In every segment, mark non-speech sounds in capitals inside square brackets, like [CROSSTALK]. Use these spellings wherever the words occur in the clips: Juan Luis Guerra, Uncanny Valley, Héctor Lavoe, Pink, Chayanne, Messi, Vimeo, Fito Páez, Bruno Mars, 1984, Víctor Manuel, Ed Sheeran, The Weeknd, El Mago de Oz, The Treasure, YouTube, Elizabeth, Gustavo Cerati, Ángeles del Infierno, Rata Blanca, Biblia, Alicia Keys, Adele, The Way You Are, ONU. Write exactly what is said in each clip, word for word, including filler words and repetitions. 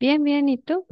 Bien, bien, ¿y tú?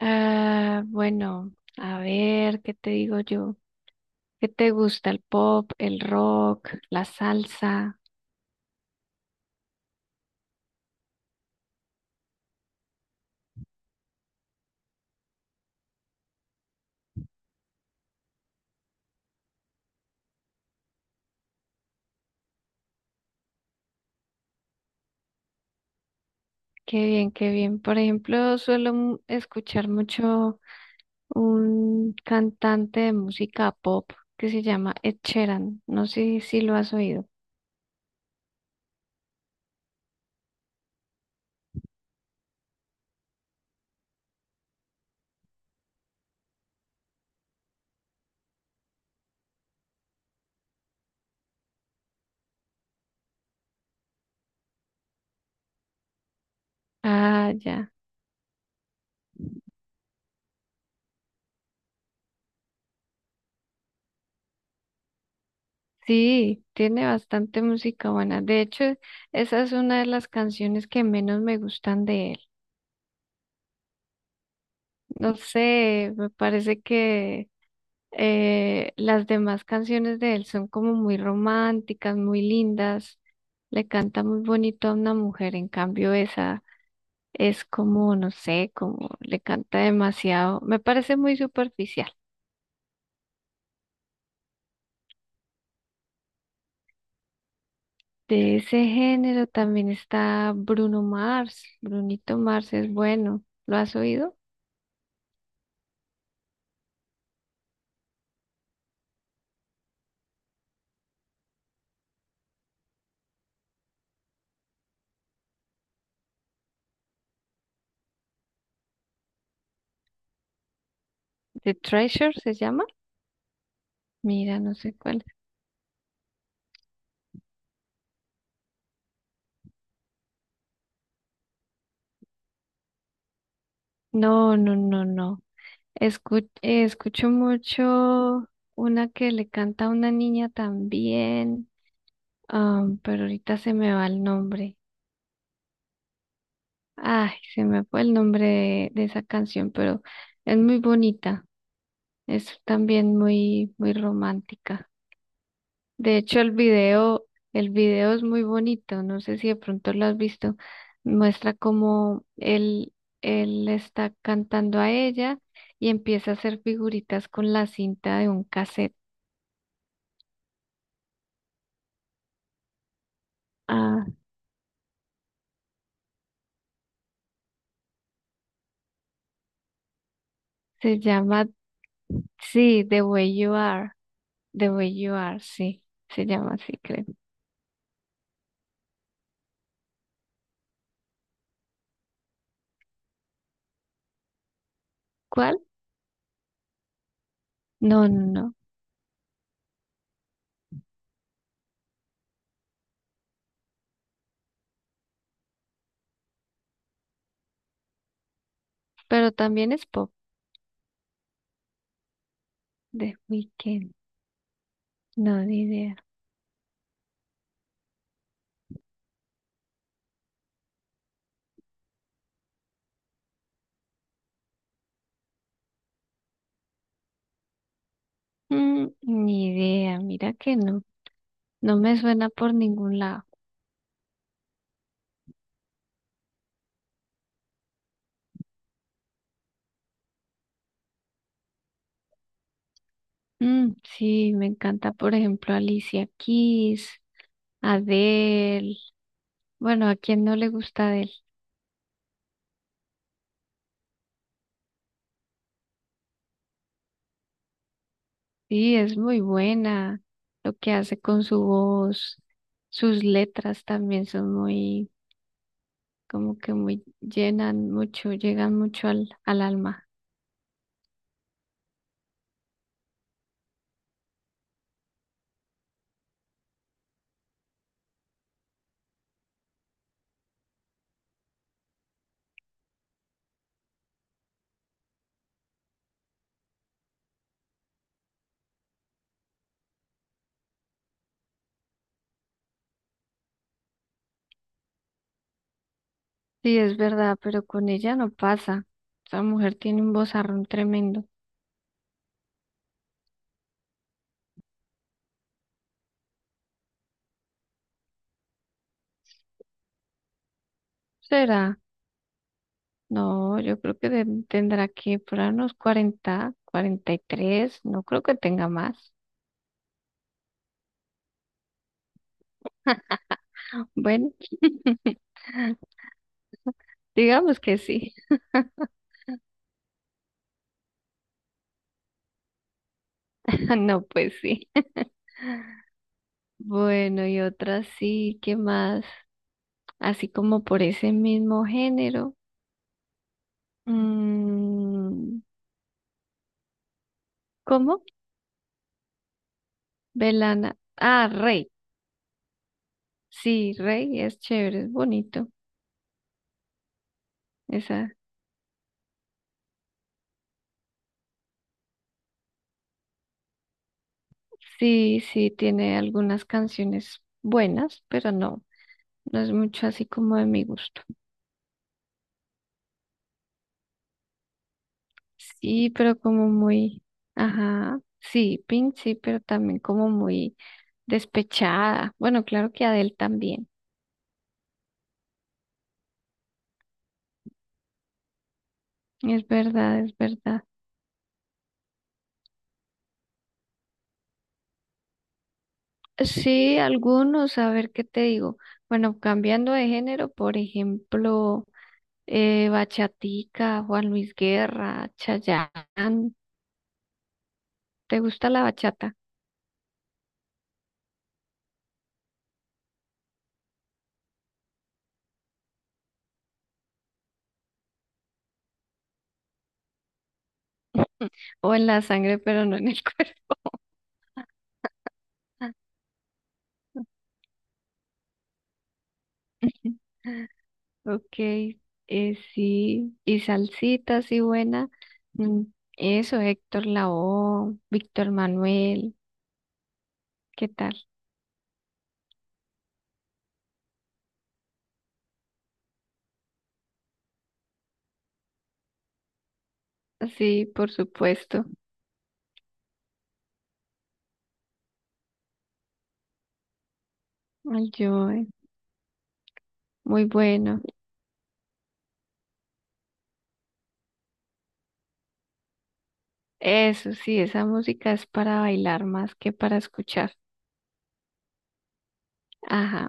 Ah, bueno, a ver, ¿qué te digo yo? ¿Qué te gusta? ¿El pop, el rock, la salsa? Qué bien, qué bien. Por ejemplo, suelo mu- escuchar mucho un cantante de música pop que se llama Ed Sheeran. No sé si lo has oído. Ah, ya. Sí, tiene bastante música buena. De hecho, esa es una de las canciones que menos me gustan de él. No sé, me parece que Eh, las demás canciones de él son como muy románticas, muy lindas. Le canta muy bonito a una mujer, en cambio esa es como, no sé, como le canta demasiado. Me parece muy superficial. De ese género también está Bruno Mars. Brunito Mars es bueno. ¿Lo has oído? The Treasure se llama. Mira, no sé cuál. No, no, no, no. Escu- eh, escucho mucho una que le canta a una niña también, am, pero ahorita se me va el nombre. Ay, se me fue el nombre de, de esa canción, pero es muy bonita. Es también muy, muy romántica. De hecho, el video, el video es muy bonito. No sé si de pronto lo has visto. Muestra cómo él, él le está cantando a ella y empieza a hacer figuritas con la cinta de un cassette. Ah, se llama, sí, The Way You Are. The Way You Are, sí. Se llama así, creo. ¿Cuál? No, no, no. Pero también es pop. The Weeknd. No, ni idea. Mm, ni idea. Mira que no. No me suena por ningún lado. Mm, sí, me encanta, por ejemplo, Alicia Keys, Adele. Bueno, ¿a quién no le gusta Adele? Sí, es muy buena. Lo que hace con su voz. Sus letras también son muy como que muy llenan mucho, llegan mucho al, al alma. Sí, es verdad, pero con ella no pasa. Esa mujer tiene un vozarrón tremendo. ¿Será? No, yo creo que de- tendrá que por ahí unos cuarenta cuarenta y tres no creo que tenga más. Bueno, digamos que sí. [LAUGHS] No, pues sí. [LAUGHS] Bueno, y otra sí, ¿qué más? Así como por ese mismo género. Mm, ¿cómo? Belana. Ah, Rey. Sí, Rey es chévere, es bonito. Esa sí, sí tiene algunas canciones buenas, pero no, no es mucho así como de mi gusto. Sí, pero como muy, ajá, sí, Pink sí, pero también como muy despechada. Bueno, claro que Adele también. Es verdad, es verdad. Sí, algunos, a ver qué te digo. Bueno, cambiando de género, por ejemplo, eh, Bachatica, Juan Luis Guerra, Chayanne. ¿Te gusta la bachata? [LAUGHS] O en la sangre, pero no en el cuerpo. [LAUGHS] Ok, eh, sí, y salsita, sí, buena. Mm, eso, Héctor Lavoe, Víctor Manuel, ¿qué tal? Sí, por supuesto, el Joe, muy bueno. Eso, sí, esa música es para bailar más que para escuchar. Ajá,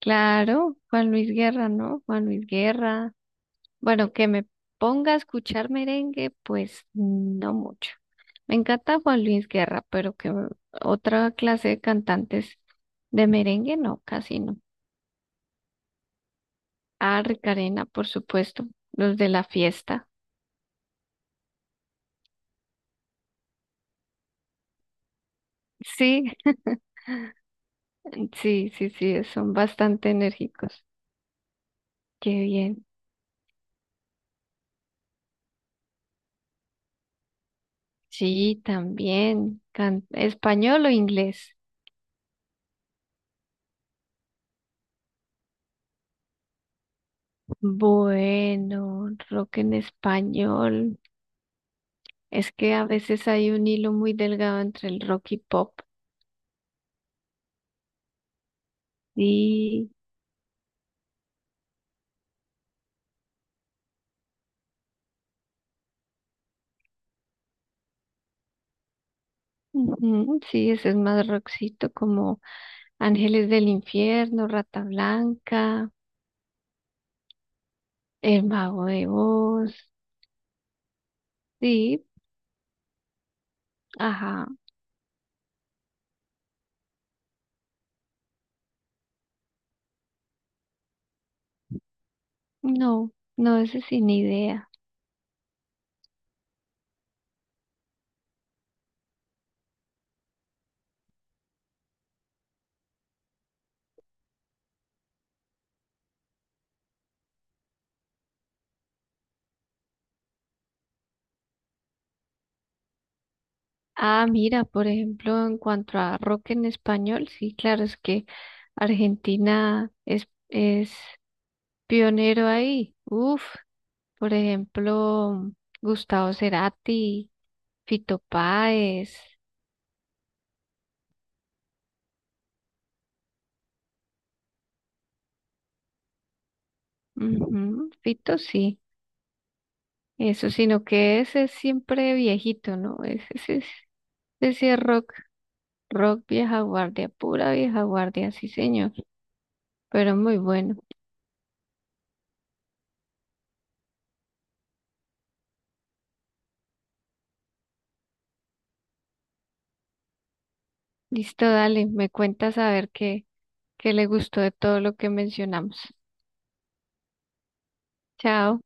claro, Juan Luis Guerra, ¿no? Juan Luis Guerra. Bueno, que me ponga a escuchar merengue, pues no mucho. Me encanta Juan Luis Guerra, pero que otra clase de cantantes de merengue, no, casi no. Ah, Ricarena, por supuesto, los de la fiesta. Sí, [LAUGHS] sí, sí, sí, son bastante enérgicos. Qué bien. Sí, también. can- ¿Español o inglés? Bueno, rock en español. Es que a veces hay un hilo muy delgado entre el rock y pop. Sí, ujú, sí, ese es más rockcito, como Ángeles del Infierno, Rata Blanca, El Mago de Oz. Sí, ajá, no, no, ese sin idea. Ah, mira, por ejemplo, en cuanto a rock en español, sí, claro, es que Argentina es, es pionero ahí. Uf, por ejemplo, Gustavo Cerati, Fito Páez, ujú, Fito sí. Eso, sino que ese es siempre viejito, ¿no? Ese, ese, es- ese es rock, rock, vieja guardia, pura vieja guardia, sí señor, pero muy bueno. Listo, dale, me cuentas a ver qué, qué le gustó de todo lo que mencionamos. Chao.